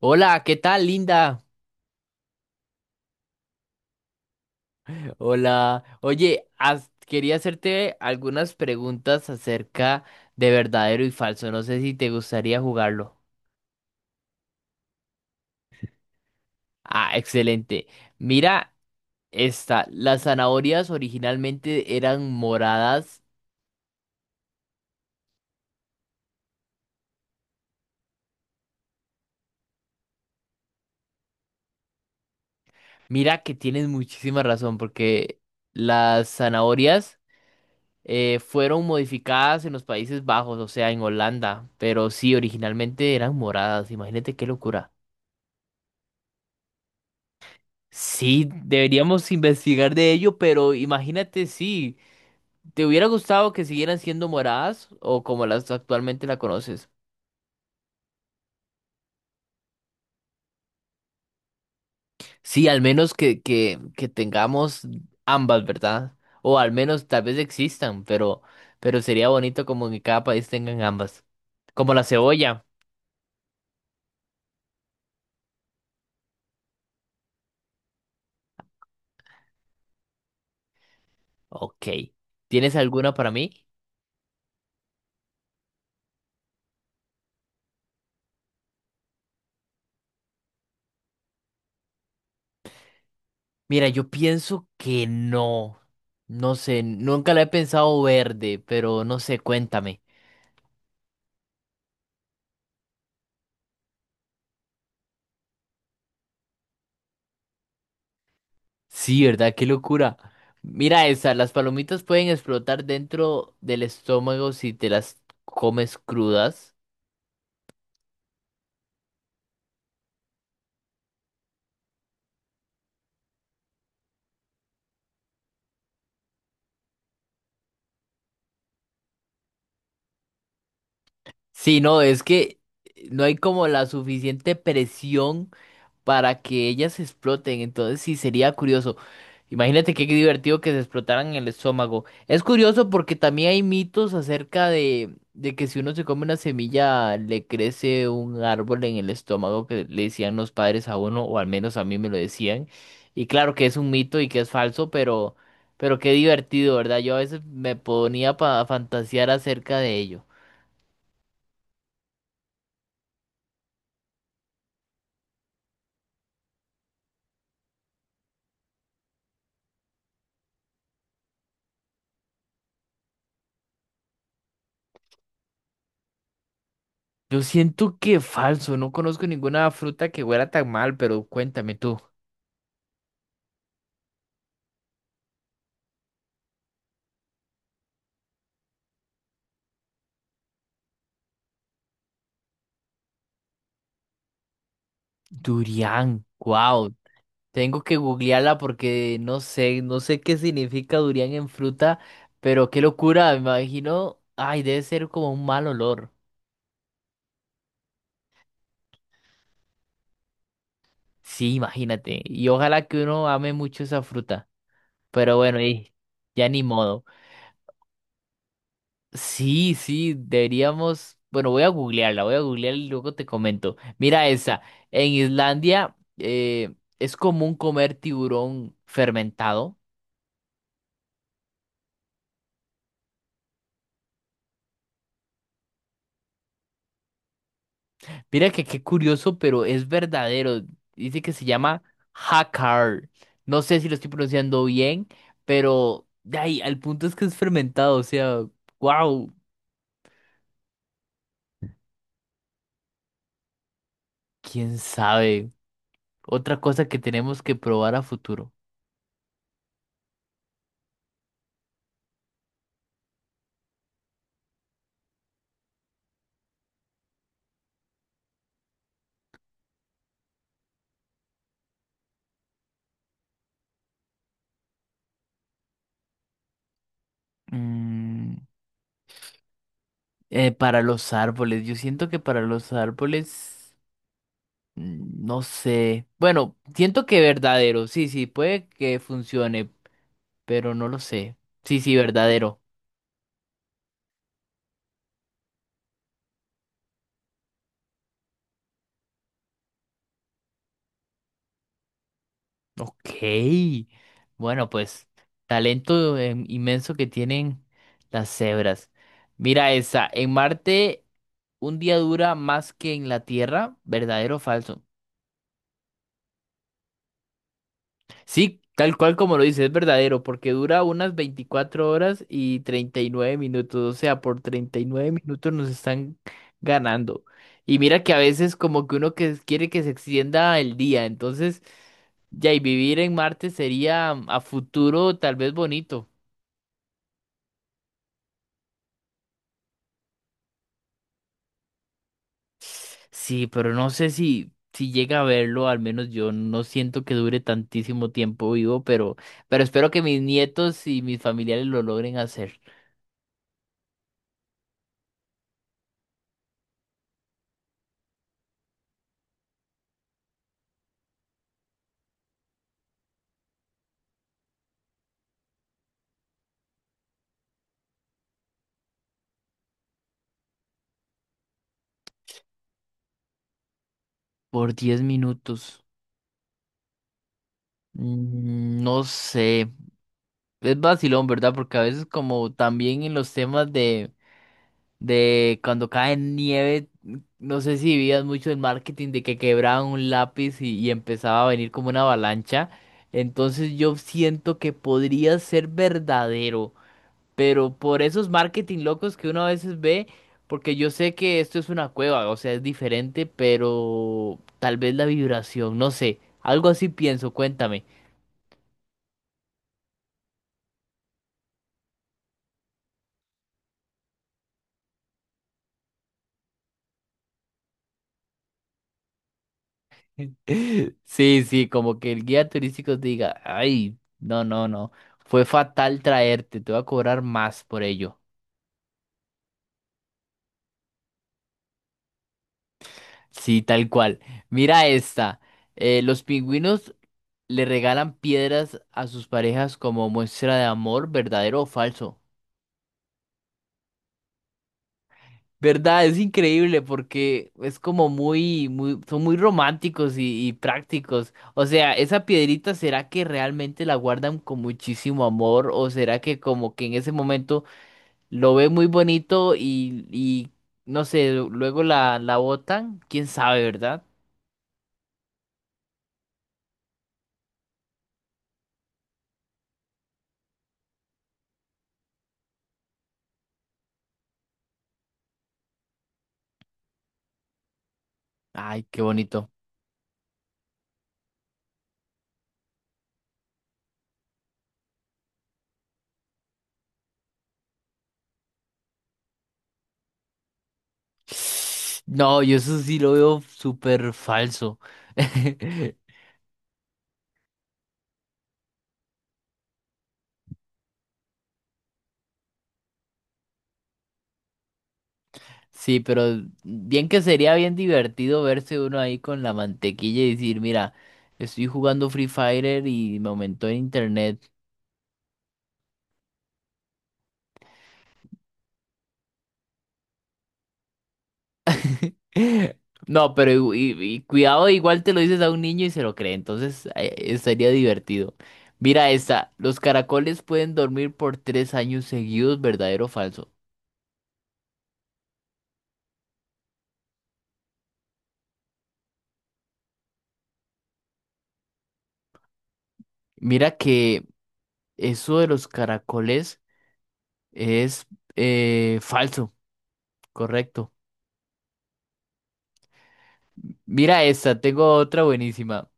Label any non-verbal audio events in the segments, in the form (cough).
Hola, ¿qué tal, Linda? Hola. Oye, quería hacerte algunas preguntas acerca de verdadero y falso. No sé si te gustaría jugarlo. Ah, excelente. Mira esta. Las zanahorias originalmente eran moradas. Mira que tienes muchísima razón porque las zanahorias fueron modificadas en los Países Bajos, o sea, en Holanda. Pero sí, originalmente eran moradas. Imagínate qué locura. Sí, deberíamos investigar de ello, pero imagínate si te hubiera gustado que siguieran siendo moradas o como las actualmente la conoces. Sí, al menos que tengamos ambas, ¿verdad? O al menos tal vez existan, pero sería bonito como que cada país tengan ambas. Como la cebolla. Ok. ¿Tienes alguna para mí? Mira, yo pienso que no. No sé, nunca la he pensado verde, pero no sé, cuéntame. Sí, ¿verdad? Qué locura. Mira esa, las palomitas pueden explotar dentro del estómago si te las comes crudas. Sí, no, es que no hay como la suficiente presión para que ellas se exploten. Entonces sí sería curioso. Imagínate qué divertido que se explotaran el estómago. Es curioso porque también hay mitos acerca de que si uno se come una semilla le crece un árbol en el estómago que le decían los padres a uno, o al menos a mí me lo decían. Y claro que es un mito y que es falso, pero qué divertido, ¿verdad? Yo a veces me ponía a fantasear acerca de ello. Yo siento que falso, no conozco ninguna fruta que huela tan mal, pero cuéntame tú. Durian, wow. Tengo que googlearla porque no sé, no sé qué significa durian en fruta, pero qué locura, me imagino. Ay, debe ser como un mal olor. Sí, imagínate. Y ojalá que uno ame mucho esa fruta. Pero bueno, y ya ni modo. Sí, sí, deberíamos. Bueno, voy a googlearla, voy a googlear y luego te comento. Mira esa. En Islandia es común comer tiburón fermentado. Mira que qué curioso, pero es verdadero. Dice que se llama Hakar. No sé si lo estoy pronunciando bien, pero de ahí, al punto es que es fermentado, o sea, wow, quién sabe. Otra cosa que tenemos que probar a futuro. Mm, para los árboles, yo siento que para los árboles, mm, no sé. Bueno, siento que verdadero, sí, sí, puede que funcione, pero no lo sé. Sí, sí, verdadero. Ok, bueno, pues talento inmenso que tienen las cebras. Mira esa, en Marte un día dura más que en la Tierra, ¿verdadero o falso? Sí, tal cual como lo dice es verdadero, porque dura unas 24 horas y 39 minutos, o sea, por 39 minutos nos están ganando. Y mira que a veces como que uno que quiere que se extienda el día, entonces ya y vivir en Marte sería a futuro tal vez bonito. Sí, pero no sé si llega a verlo, al menos yo no siento que dure tantísimo tiempo vivo, pero espero que mis nietos y mis familiares lo logren hacer por 10 minutos. Mm, no sé, es vacilón, ¿verdad? Porque a veces como también en los temas de cuando cae nieve, no sé si vivías mucho el marketing de que quebraban un lápiz y empezaba a venir como una avalancha. Entonces yo siento que podría ser verdadero, pero por esos marketing locos que uno a veces ve, porque yo sé que esto es una cueva, o sea, es diferente, pero tal vez la vibración, no sé, algo así pienso, cuéntame. (laughs) Sí, sí, como que el guía turístico te diga, ay, no, no, no, fue fatal traerte, te voy a cobrar más por ello. Sí, tal cual. Mira esta. Los pingüinos le regalan piedras a sus parejas como muestra de amor, verdadero o falso. ¿Verdad? Es increíble porque es como muy, muy, son muy románticos y prácticos. O sea, esa piedrita, ¿será que realmente la guardan con muchísimo amor? ¿O será que como que en ese momento lo ve muy bonito y no sé, luego la botan? ¿Quién sabe, verdad? Ay, qué bonito. No, yo eso sí lo veo súper falso. (laughs) Sí, pero bien que sería bien divertido verse uno ahí con la mantequilla y decir, mira, estoy jugando Free Fire y me aumentó en internet. (laughs) No, pero y cuidado, igual te lo dices a un niño y se lo cree, entonces estaría divertido. Mira esta, los caracoles pueden dormir por 3 años seguidos, ¿verdadero o falso? Mira que eso de los caracoles es falso, correcto. Mira esta, tengo otra buenísima.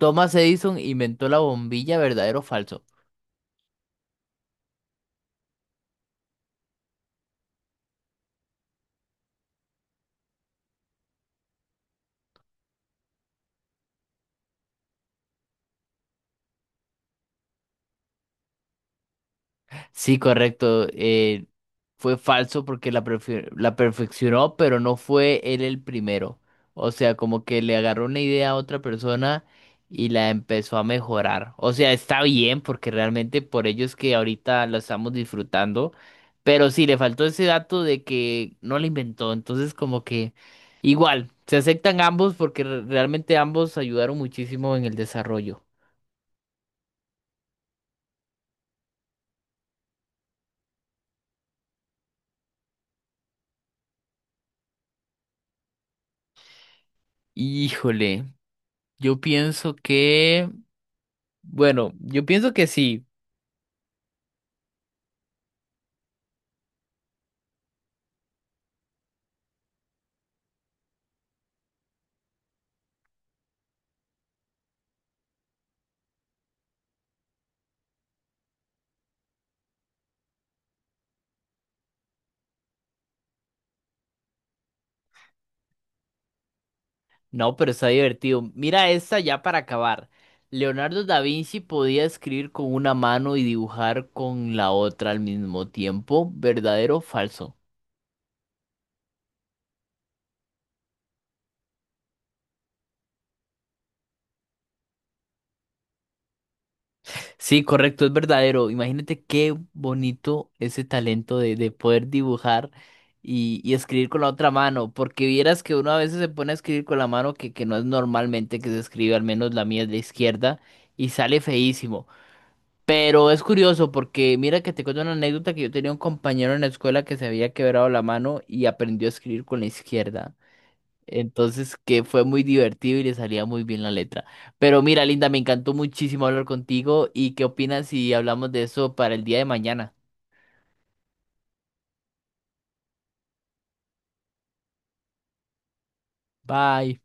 Thomas Edison inventó la bombilla, ¿verdadero o falso? Sí, correcto. Fue falso porque la, la perfeccionó, pero no fue él el primero. O sea, como que le agarró una idea a otra persona y la empezó a mejorar. O sea, está bien porque realmente por ello es que ahorita la estamos disfrutando. Pero sí, le faltó ese dato de que no la inventó. Entonces, como que igual, se aceptan ambos porque realmente ambos ayudaron muchísimo en el desarrollo. Híjole, yo pienso que, bueno, yo pienso que sí. No, pero está divertido. Mira esta ya para acabar. Leonardo da Vinci podía escribir con una mano y dibujar con la otra al mismo tiempo. ¿Verdadero o falso? Sí, correcto, es verdadero. Imagínate qué bonito ese talento de poder dibujar y escribir con la otra mano, porque vieras que uno a veces se pone a escribir con la mano que no es normalmente que se escribe, al menos la mía es la izquierda, y sale feísimo. Pero es curioso porque mira que te cuento una anécdota que yo tenía un compañero en la escuela que se había quebrado la mano y aprendió a escribir con la izquierda. Entonces, que fue muy divertido y le salía muy bien la letra. Pero mira, Linda, me encantó muchísimo hablar contigo. ¿Y qué opinas si hablamos de eso para el día de mañana? Bye.